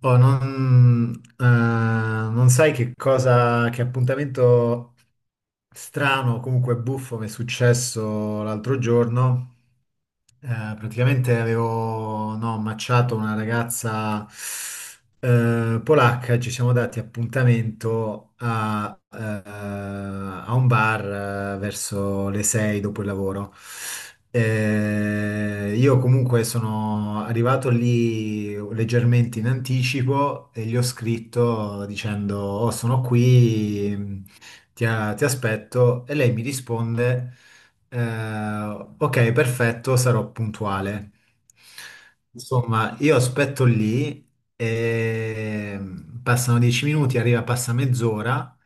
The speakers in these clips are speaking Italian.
Oh, non, non sai che cosa, che appuntamento. Strano, comunque buffo, mi è successo l'altro giorno. Eh, praticamente avevo no, ammacciato una ragazza polacca, e ci siamo dati appuntamento a un bar verso le 6 dopo il lavoro. Io comunque sono arrivato lì leggermente in anticipo e gli ho scritto dicendo: Oh, sono qui, ti aspetto, e lei mi risponde, ok, perfetto, sarò puntuale. Insomma, io aspetto lì e passano 10 minuti, arriva, passa mezz'ora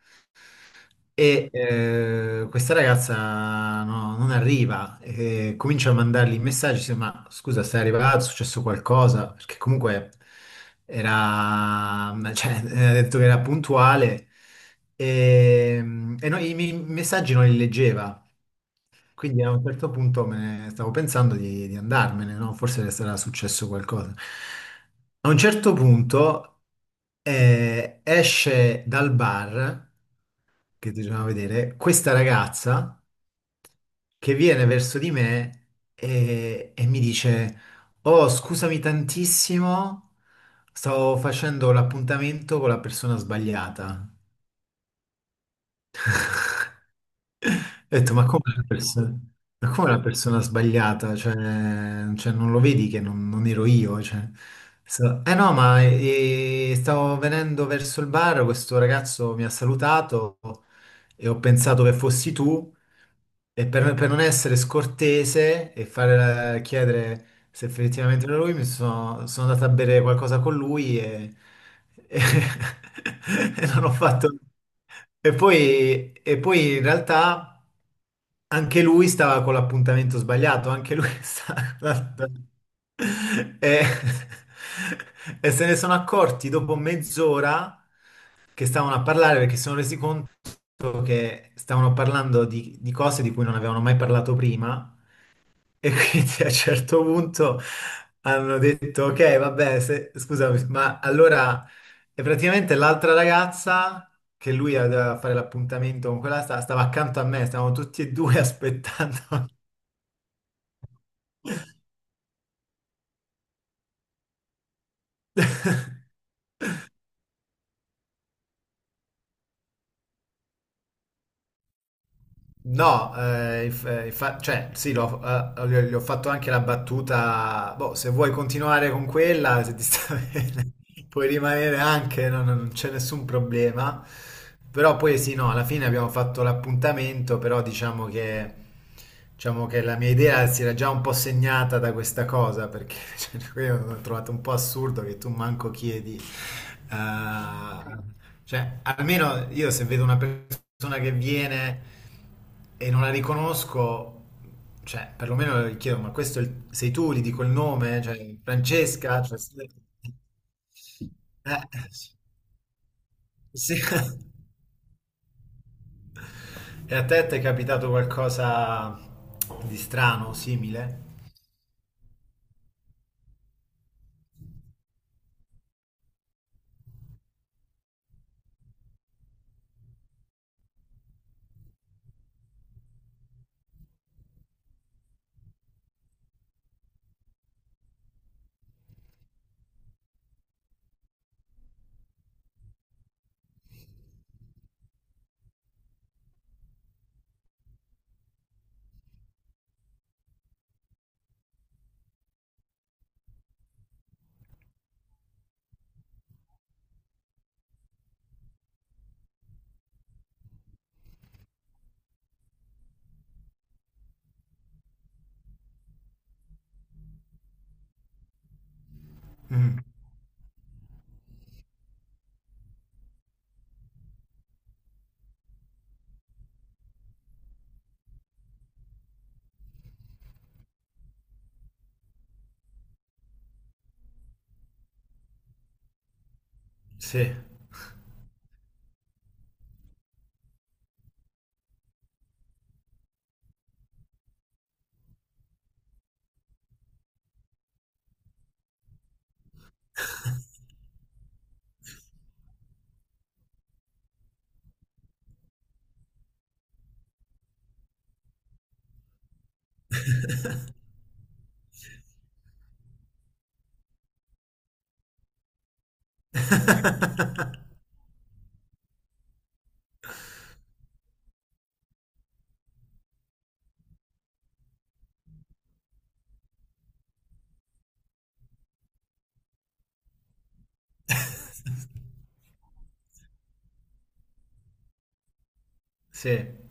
e questa ragazza no, non arriva, e comincia a mandargli messaggi, dice, ma scusa, sei arrivato, è successo qualcosa? Perché comunque era, cioè, ha detto che era puntuale e, no, i miei messaggi non li leggeva, quindi a un certo punto me ne stavo pensando di andarmene, no? Forse le sarà successo qualcosa. A un certo punto esce dal bar che ti doveva vedere, questa ragazza che viene verso di me e mi dice: Oh, scusami tantissimo, stavo facendo l'appuntamento con la persona sbagliata. Ho detto, ma come la persona, ma come la persona sbagliata? Cioè, non lo vedi che non ero io? Cioè, no, ma stavo venendo verso il bar, questo ragazzo mi ha salutato e ho pensato che fossi tu. E per non essere scortese e fare chiedere se effettivamente era lui, mi sono andato a bere qualcosa con lui e- e non ho fatto... E poi, in realtà anche lui stava con l'appuntamento sbagliato, anche lui stava... E, e se ne sono accorti dopo mezz'ora che stavano a parlare perché si sono resi conto detto che stavano parlando di cose di cui non avevano mai parlato prima e quindi a un certo punto hanno detto, ok, vabbè, scusami, ma allora e praticamente l'altra ragazza che lui aveva a fare l'appuntamento con quella stava accanto a me, stavamo tutti e due aspettando. No, cioè, sì, gli ho fatto anche la battuta. Boh, se vuoi continuare con quella, se ti sta bene, puoi rimanere anche, no, no, non c'è nessun problema. Però poi sì, no, alla fine abbiamo fatto l'appuntamento, però diciamo che la mia idea si era già un po' segnata da questa cosa, perché cioè, io l'ho trovato un po' assurdo che tu manco chiedi. eh, cioè, almeno io se vedo una persona che viene e non la riconosco, cioè, perlomeno le chiedo, ma questo è sei tu, gli dico il nome, cioè, Francesca, cioè, eh, sì. E a te ti è capitato qualcosa di strano, simile? Mm, sì. Sì.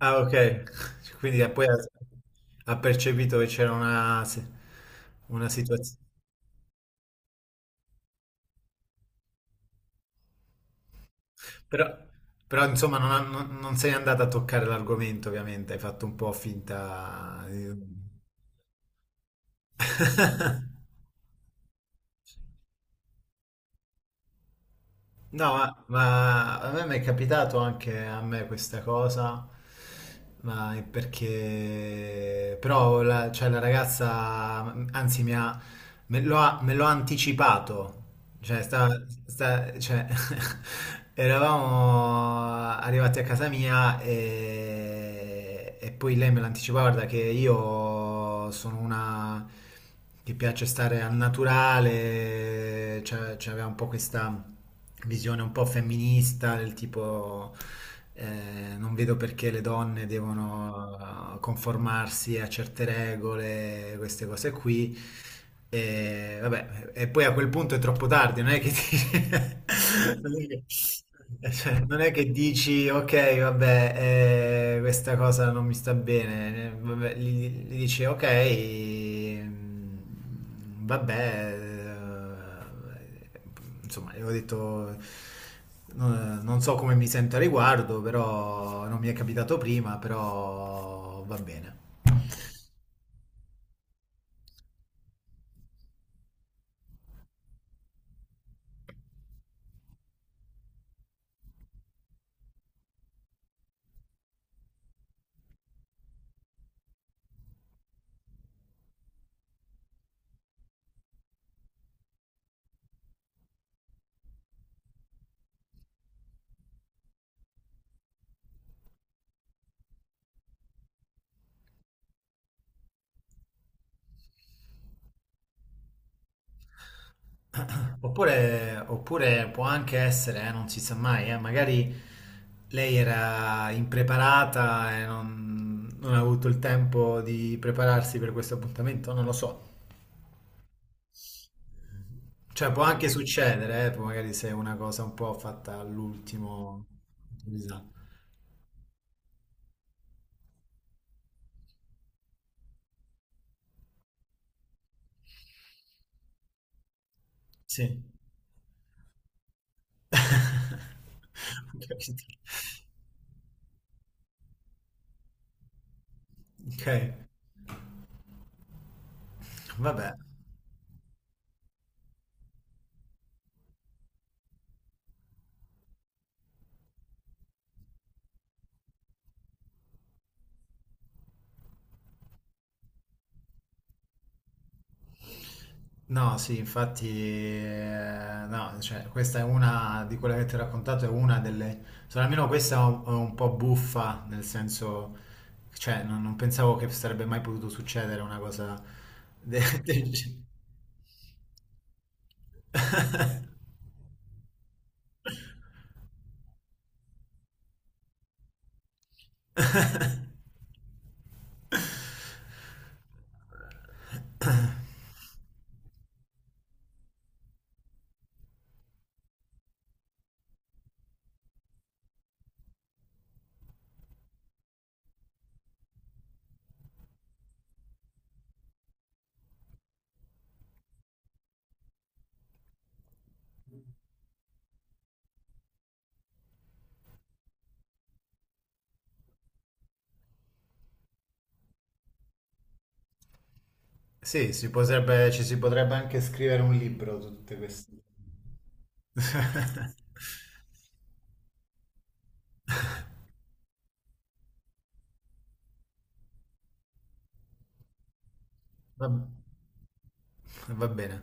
Ah, ok. Quindi poi ha percepito che c'era una, se- una situazione. Però, però, insomma, non, ha- non- non sei andata a toccare l'argomento, ovviamente. Hai fatto un po' finta. No, ma a me mi è capitato anche a me questa cosa, ma è perché... Però cioè, la ragazza, anzi, mi ha, me lo ha, me lo ha anticipato. Cioè, cioè, eravamo arrivati a casa mia e poi lei me l'ha anticipato, guarda che io sono una... che piace stare al naturale, cioè, c'aveva un po' questa visione un po' femminista, del tipo non vedo perché le donne devono conformarsi a certe regole, queste cose qui. E, vabbè, e poi a quel punto è troppo tardi, non è che non è che, cioè, non è che dici ok, vabbè, questa cosa non mi sta bene, vabbè, gli dici ok, mm, vabbè, eh, eh, insomma, ho detto non so come mi sento a riguardo, però non mi è capitato prima, però va bene. Oppure può anche essere, non si sa mai, magari lei era impreparata e non ha avuto il tempo di prepararsi per questo appuntamento, non lo so. Cioè può anche succedere, magari se è una cosa un po' fatta all'ultimo. Improvvisato. Sì. Ho capito. Ok, vabbè. No, sì, infatti, no, cioè, questa è una di quelle che ti ho raccontato, è una delle, solo almeno questa è un po' buffa, nel senso, cioè, non pensavo che sarebbe mai potuto succedere una cosa del genere. Sì, ci si potrebbe anche scrivere un libro su tutte queste. Va, va bene.